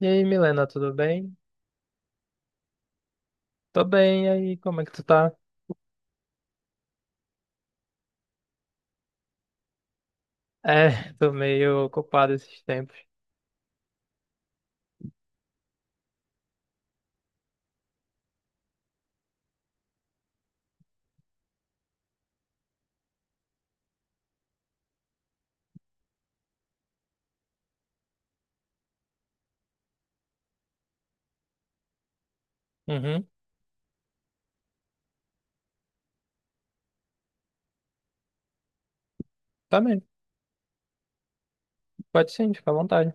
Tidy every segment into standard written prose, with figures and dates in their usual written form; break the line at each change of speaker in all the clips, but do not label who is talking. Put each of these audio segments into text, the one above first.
E aí, Milena, tudo bem? Tô bem, e aí, como é que tu tá? É, tô meio ocupado esses tempos. Uhum, tá bem. Pode sim, fica à vontade.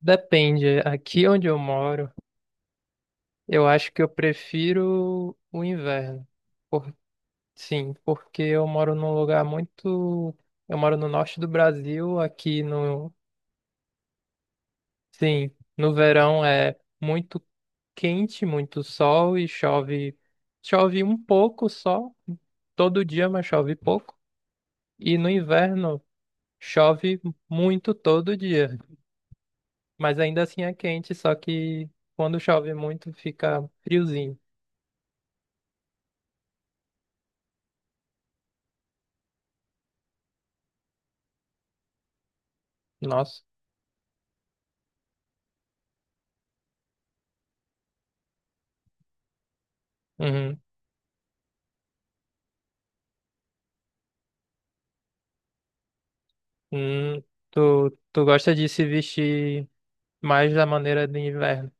Depende, aqui onde eu moro, eu acho que eu prefiro o inverno. Por- Sim, porque eu moro num lugar muito. Eu moro no norte do Brasil, aqui no. Sim, no verão é muito quente, muito sol e chove. Chove um pouco só, todo dia, mas chove pouco. E no inverno chove muito todo dia, mas ainda assim é quente, só que quando chove muito fica friozinho. Nossa. Uhum. Hum. Tu gosta de se vestir mais da maneira de inverno?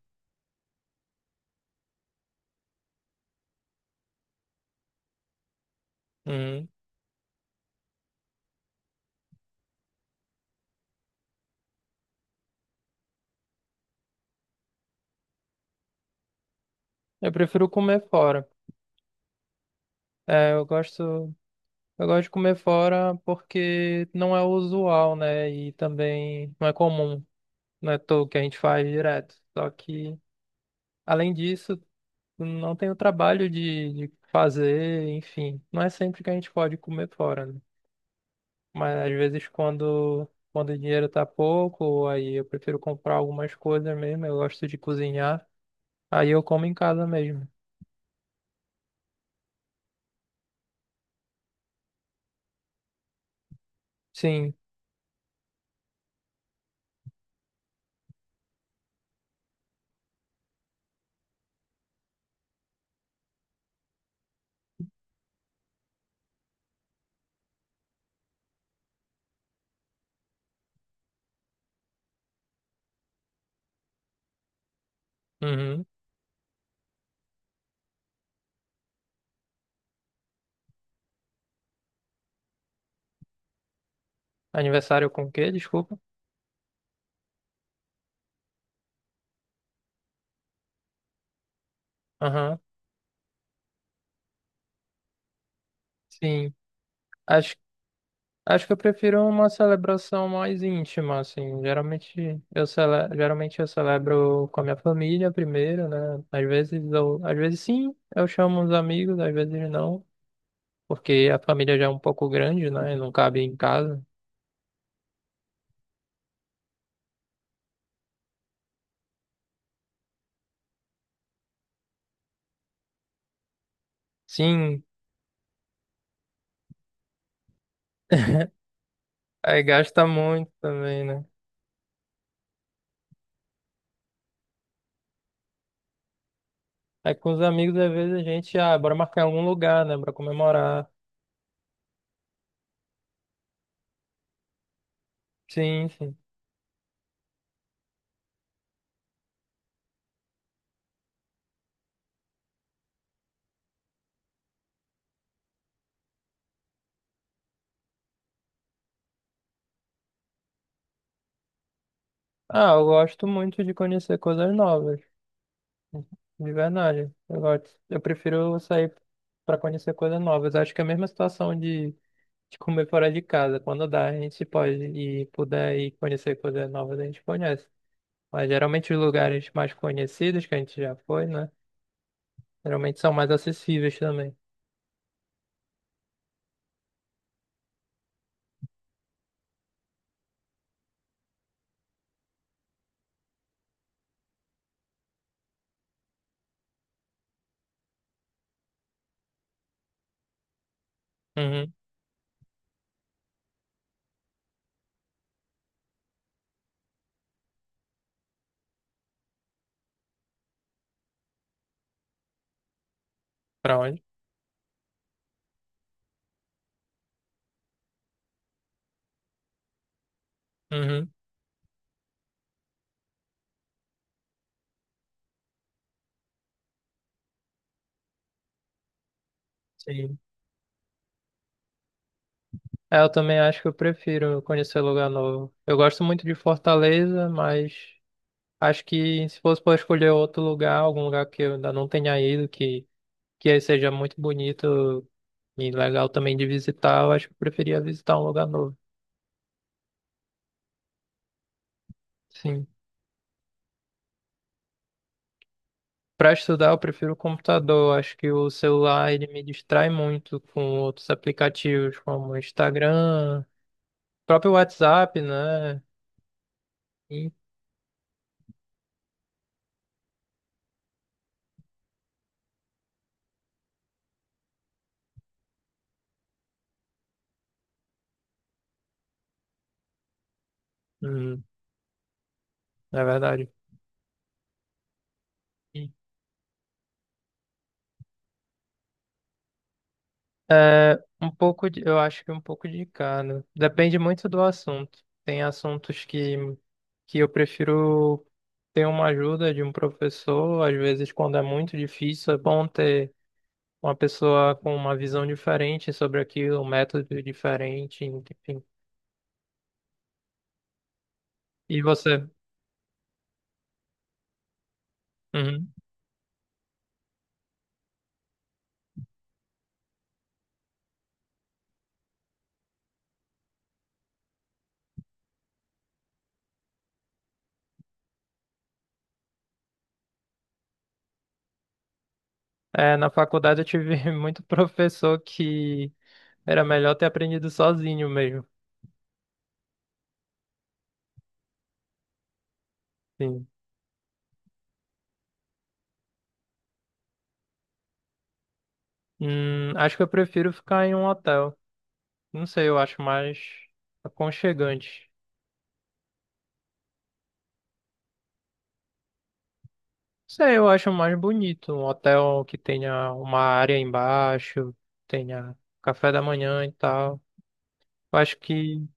Uhum. Eu prefiro comer fora. É, eu gosto de comer fora porque não é usual, né? E também não é comum, não é tudo que a gente faz direto. Só que, além disso, não tem o trabalho de fazer, enfim. Não é sempre que a gente pode comer fora, né? Mas às vezes quando o dinheiro tá pouco, aí eu prefiro comprar algumas coisas mesmo, eu gosto de cozinhar, aí eu como em casa mesmo. Sim. Uhum. Aniversário com o quê? Desculpa. Aham. Sim. Acho Acho que eu prefiro uma celebração mais íntima, assim. Geralmente eu, cele... Geralmente eu celebro com a minha família primeiro, né? Às vezes eu... Às vezes sim, eu chamo os amigos, às vezes não, porque a família já é um pouco grande, né? E não cabe em casa. Sim, aí gasta muito também, né? Aí com os amigos, às vezes a gente, ah, bora marcar em algum lugar, né? Pra comemorar. Sim, sim. Ah, eu gosto muito de conhecer coisas novas. De verdade. Eu gosto. Eu prefiro sair para conhecer coisas novas. Acho que é a mesma situação de comer fora de casa. Quando dá, a gente pode e puder ir conhecer coisas novas, a gente conhece. Mas geralmente os lugares mais conhecidos que a gente já foi, né? Geralmente são mais acessíveis também. Uhum. Pra onde? Uhum. Sim. É, eu também acho que eu prefiro conhecer lugar novo. Eu gosto muito de Fortaleza, mas acho que se fosse para escolher outro lugar, algum lugar que eu ainda não tenha ido, que seja muito bonito e legal também de visitar, eu acho que eu preferia visitar um lugar novo. Sim. Para estudar, eu prefiro o computador. Acho que o celular ele me distrai muito com outros aplicativos como o Instagram, próprio WhatsApp, né? E, hum, é verdade. É, um pouco de, eu acho que um pouco de cada. Depende muito do assunto. Tem assuntos que eu prefiro ter uma ajuda de um professor. Às vezes, quando é muito difícil, é bom ter uma pessoa com uma visão diferente sobre aquilo, um método diferente, enfim. E você? Uhum. É, na faculdade eu tive muito professor que era melhor ter aprendido sozinho mesmo. Sim. Acho que eu prefiro ficar em um hotel. Não sei, eu acho mais aconchegante. Não sei, eu acho mais bonito. Um hotel que tenha uma área embaixo, tenha café da manhã e tal. Eu acho que,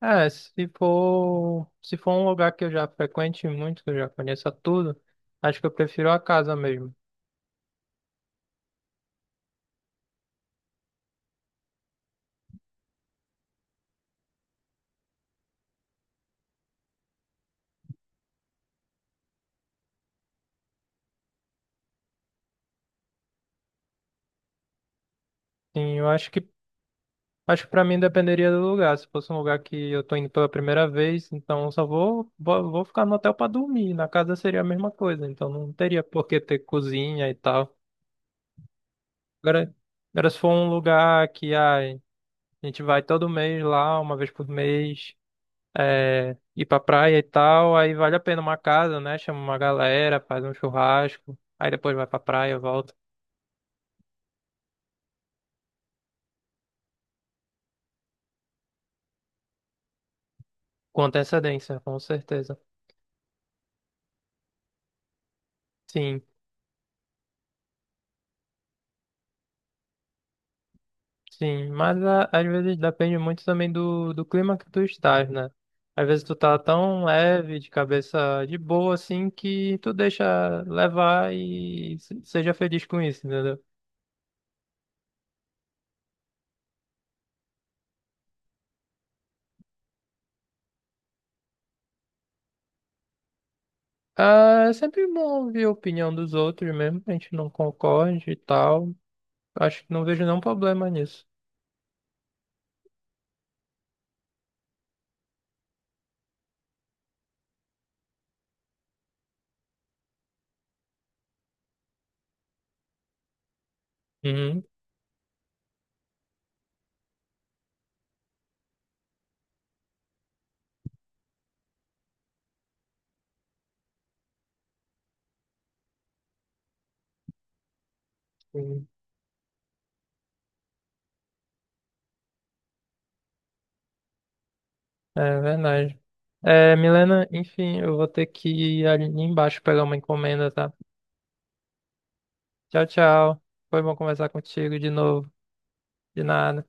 é, se for um lugar que eu já frequente muito, que eu já conheça tudo, acho que eu prefiro a casa mesmo. Sim, eu acho que, Acho que pra mim dependeria do lugar. Se fosse um lugar que eu tô indo pela primeira vez, então eu só vou ficar no hotel pra dormir. Na casa seria a mesma coisa, então não teria por que ter cozinha e tal. Agora, Agora se for um lugar que ai, a gente vai todo mês lá, uma vez por mês, é, ir pra praia e tal, aí vale a pena uma casa, né? Chama uma galera, faz um churrasco, aí depois vai pra praia, volta. Com antecedência, com certeza. Sim, sim. Mas às vezes depende muito também do clima que tu estás, né? Às vezes tu tá tão leve, de cabeça de boa, assim, que tu deixa levar e seja feliz com isso, entendeu? Ah, é sempre bom ouvir a opinião dos outros mesmo, que a gente não concorde e tal. Acho que não vejo nenhum problema nisso. Uhum, sim. É verdade. É, Milena, enfim, eu vou ter que ir ali embaixo pegar uma encomenda, tá? Tchau, tchau. Foi bom conversar contigo de novo. De nada.